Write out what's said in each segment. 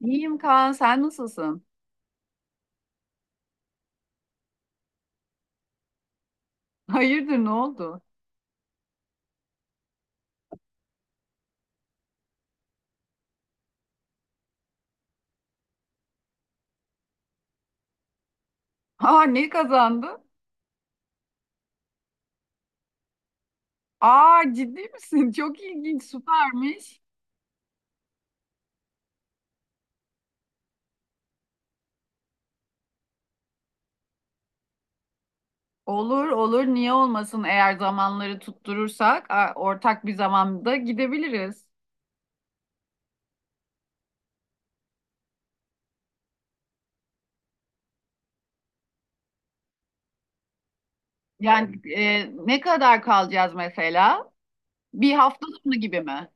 İyiyim Kaan, sen nasılsın? Hayırdır, ne oldu? Aa, ne kazandı? Aa, ciddi misin? Çok ilginç, süpermiş. Olur, olur, niye olmasın? Eğer zamanları tutturursak, ortak bir zamanda gidebiliriz. Yani ne kadar kalacağız mesela? Bir hafta sonu gibi mi?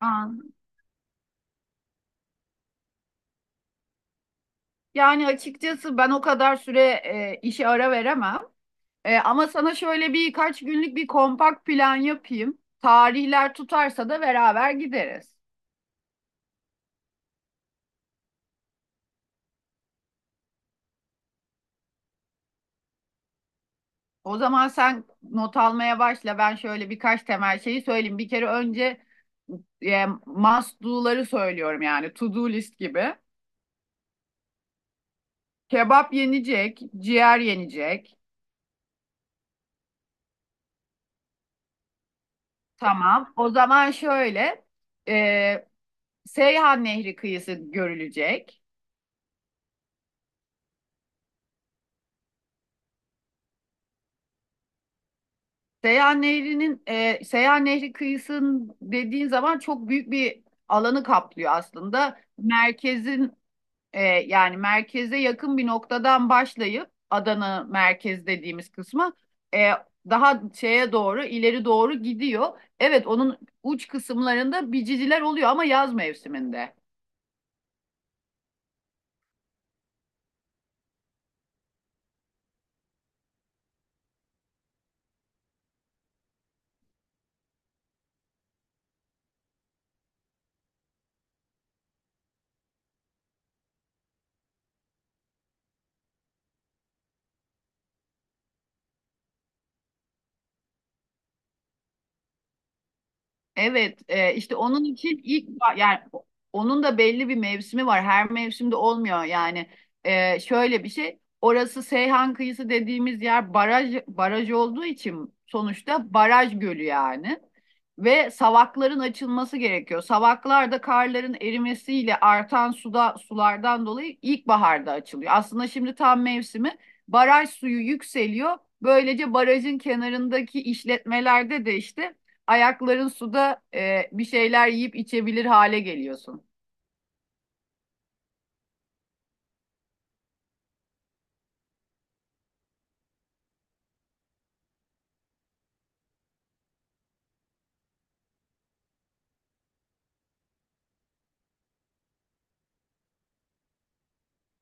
Aa, yani açıkçası ben o kadar süre işe ara veremem. Ama sana şöyle birkaç günlük bir kompakt plan yapayım. Tarihler tutarsa da beraber gideriz. O zaman sen not almaya başla. Ben şöyle birkaç temel şeyi söyleyeyim. Bir kere önce must do'ları söylüyorum yani to do list gibi. Kebap yenecek, ciğer yenecek. Tamam. O zaman şöyle e, Seyhan Nehri kıyısı görülecek. Seyhan Nehri'nin Seyhan Nehri kıyısının dediğin zaman çok büyük bir alanı kaplıyor aslında. E, yani merkeze yakın bir noktadan başlayıp Adana merkez dediğimiz kısma e, daha şeye doğru ileri doğru gidiyor. Evet onun uç kısımlarında biciciler oluyor ama yaz mevsiminde. Evet, işte onun için yani onun da belli bir mevsimi var. Her mevsimde olmuyor yani. Şöyle bir şey. Orası Seyhan kıyısı dediğimiz yer baraj baraj olduğu için sonuçta baraj gölü yani. Ve savakların açılması gerekiyor. Savaklar da karların erimesiyle artan suda sulardan dolayı ilkbaharda açılıyor. Aslında şimdi tam mevsimi. Baraj suyu yükseliyor. Böylece barajın kenarındaki işletmelerde de işte ayakların suda bir şeyler yiyip içebilir hale geliyorsun.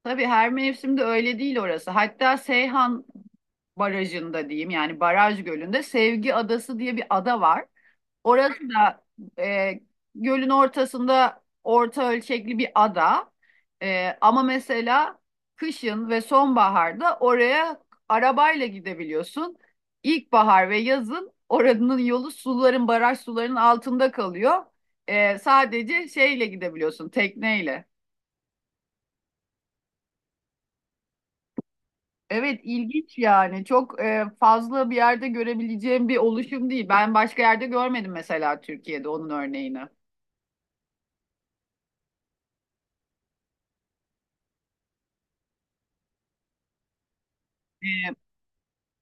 Tabii her mevsimde öyle değil orası. Hatta Seyhan Barajı'nda diyeyim yani Baraj Gölü'nde Sevgi Adası diye bir ada var. Orası da e, gölün ortasında orta ölçekli bir ada. Ama mesela kışın ve sonbaharda oraya arabayla gidebiliyorsun. İlkbahar ve yazın oranın yolu suların, baraj sularının altında kalıyor. Sadece şeyle gidebiliyorsun, tekneyle. Evet ilginç yani çok fazla bir yerde görebileceğim bir oluşum değil. Ben başka yerde görmedim mesela Türkiye'de onun örneğini.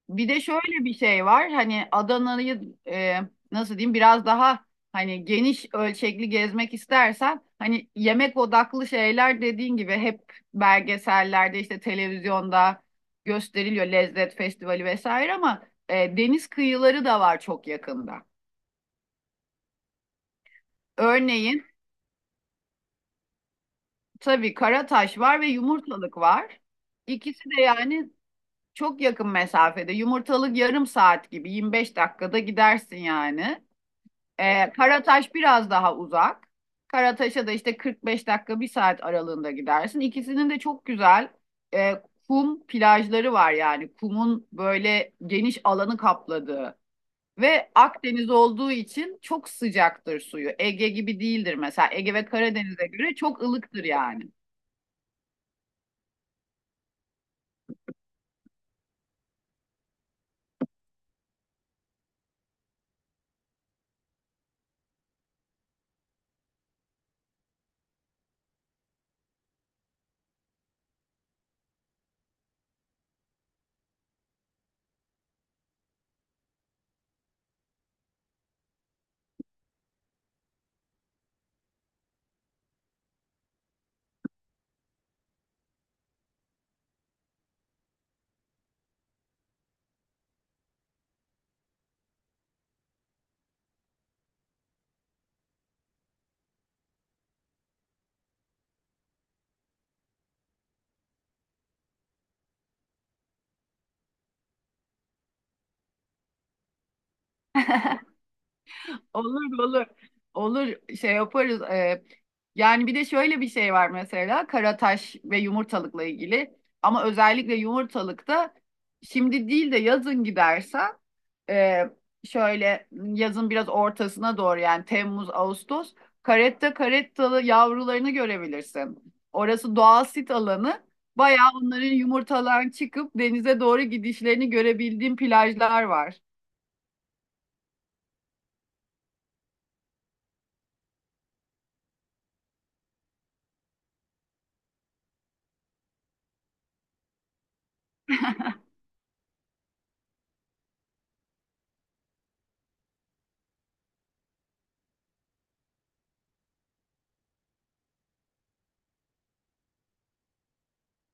Bir de şöyle bir şey var hani Adana'yı, nasıl diyeyim biraz daha hani geniş ölçekli gezmek istersen hani yemek odaklı şeyler dediğin gibi hep belgesellerde işte televizyonda gösteriliyor lezzet festivali vesaire ama, deniz kıyıları da var çok yakında. Örneğin tabii Karataş var ve Yumurtalık var. İkisi de yani çok yakın mesafede. Yumurtalık yarım saat gibi 25 dakikada gidersin yani. Karataş biraz daha uzak. Karataş'a da işte 45 dakika bir saat aralığında gidersin. İkisinin de çok güzel e, kum plajları var yani. Kumun böyle geniş alanı kapladığı ve Akdeniz olduğu için çok sıcaktır suyu. Ege gibi değildir mesela. Ege ve Karadeniz'e göre çok ılıktır yani. Olur olur. Olur şey yaparız. Yani bir de şöyle bir şey var mesela karataş ve yumurtalıkla ilgili. Ama özellikle yumurtalıkta şimdi değil de yazın gidersen e, şöyle yazın biraz ortasına doğru yani Temmuz, Ağustos karetta karettalı yavrularını görebilirsin. Orası doğal sit alanı. Bayağı onların yumurtalardan çıkıp denize doğru gidişlerini görebildiğim plajlar var.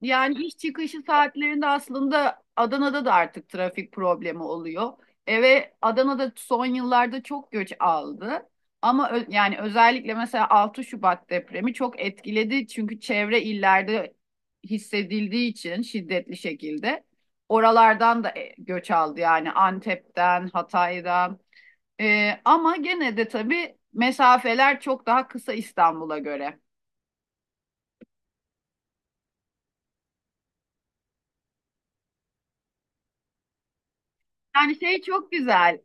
Yani iş çıkışı saatlerinde aslında Adana'da da artık trafik problemi oluyor. E ve Adana'da son yıllarda çok göç aldı. Ama yani özellikle mesela 6 Şubat depremi çok etkiledi. Çünkü çevre illerde hissedildiği için şiddetli şekilde oralardan da, göç aldı. Yani Antep'ten, Hatay'dan. Ama gene de tabii mesafeler çok daha kısa İstanbul'a göre. Yani şey çok güzel.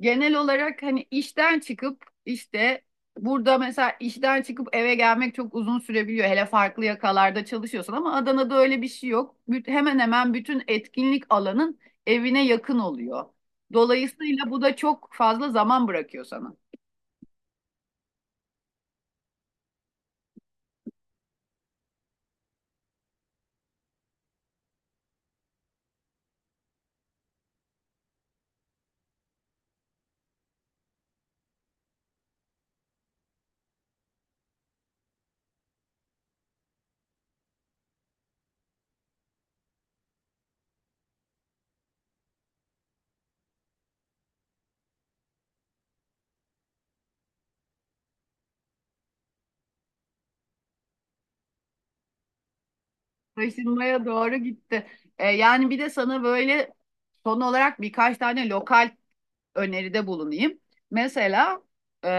Genel olarak hani işten çıkıp işte burada mesela işten çıkıp eve gelmek çok uzun sürebiliyor. Hele farklı yakalarda çalışıyorsan ama Adana'da öyle bir şey yok. Hemen hemen bütün etkinlik alanın evine yakın oluyor. Dolayısıyla bu da çok fazla zaman bırakıyor sana. Taşınmaya doğru gitti. Yani bir de sana böyle son olarak birkaç tane lokal öneride bulunayım. Mesela e,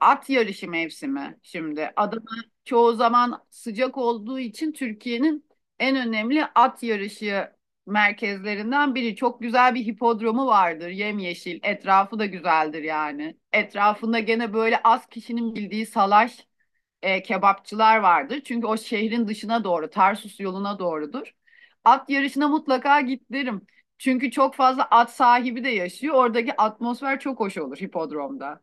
at yarışı mevsimi şimdi. Adana çoğu zaman sıcak olduğu için Türkiye'nin en önemli at yarışı merkezlerinden biri. Çok güzel bir hipodromu vardır, yemyeşil. Etrafı da güzeldir yani. Etrafında gene böyle az kişinin bildiği salaş kebapçılar vardır. Çünkü o şehrin dışına doğru, Tarsus yoluna doğrudur. At yarışına mutlaka git derim. Çünkü çok fazla at sahibi de yaşıyor. Oradaki atmosfer çok hoş olur hipodromda.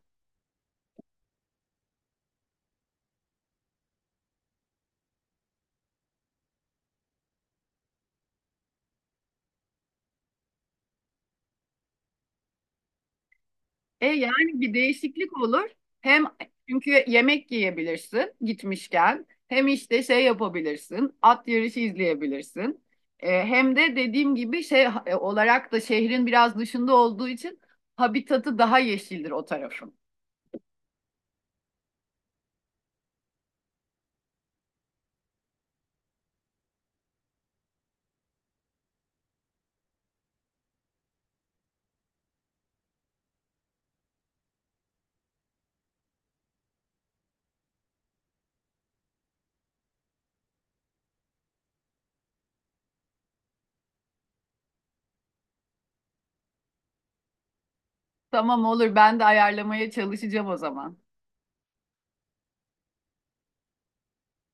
E yani bir değişiklik olur. Hem çünkü yemek yiyebilirsin gitmişken. Hem işte şey yapabilirsin. At yarışı izleyebilirsin. Hem de dediğim gibi şey olarak da şehrin biraz dışında olduğu için habitatı daha yeşildir o tarafın. Tamam olur ben de ayarlamaya çalışacağım o zaman.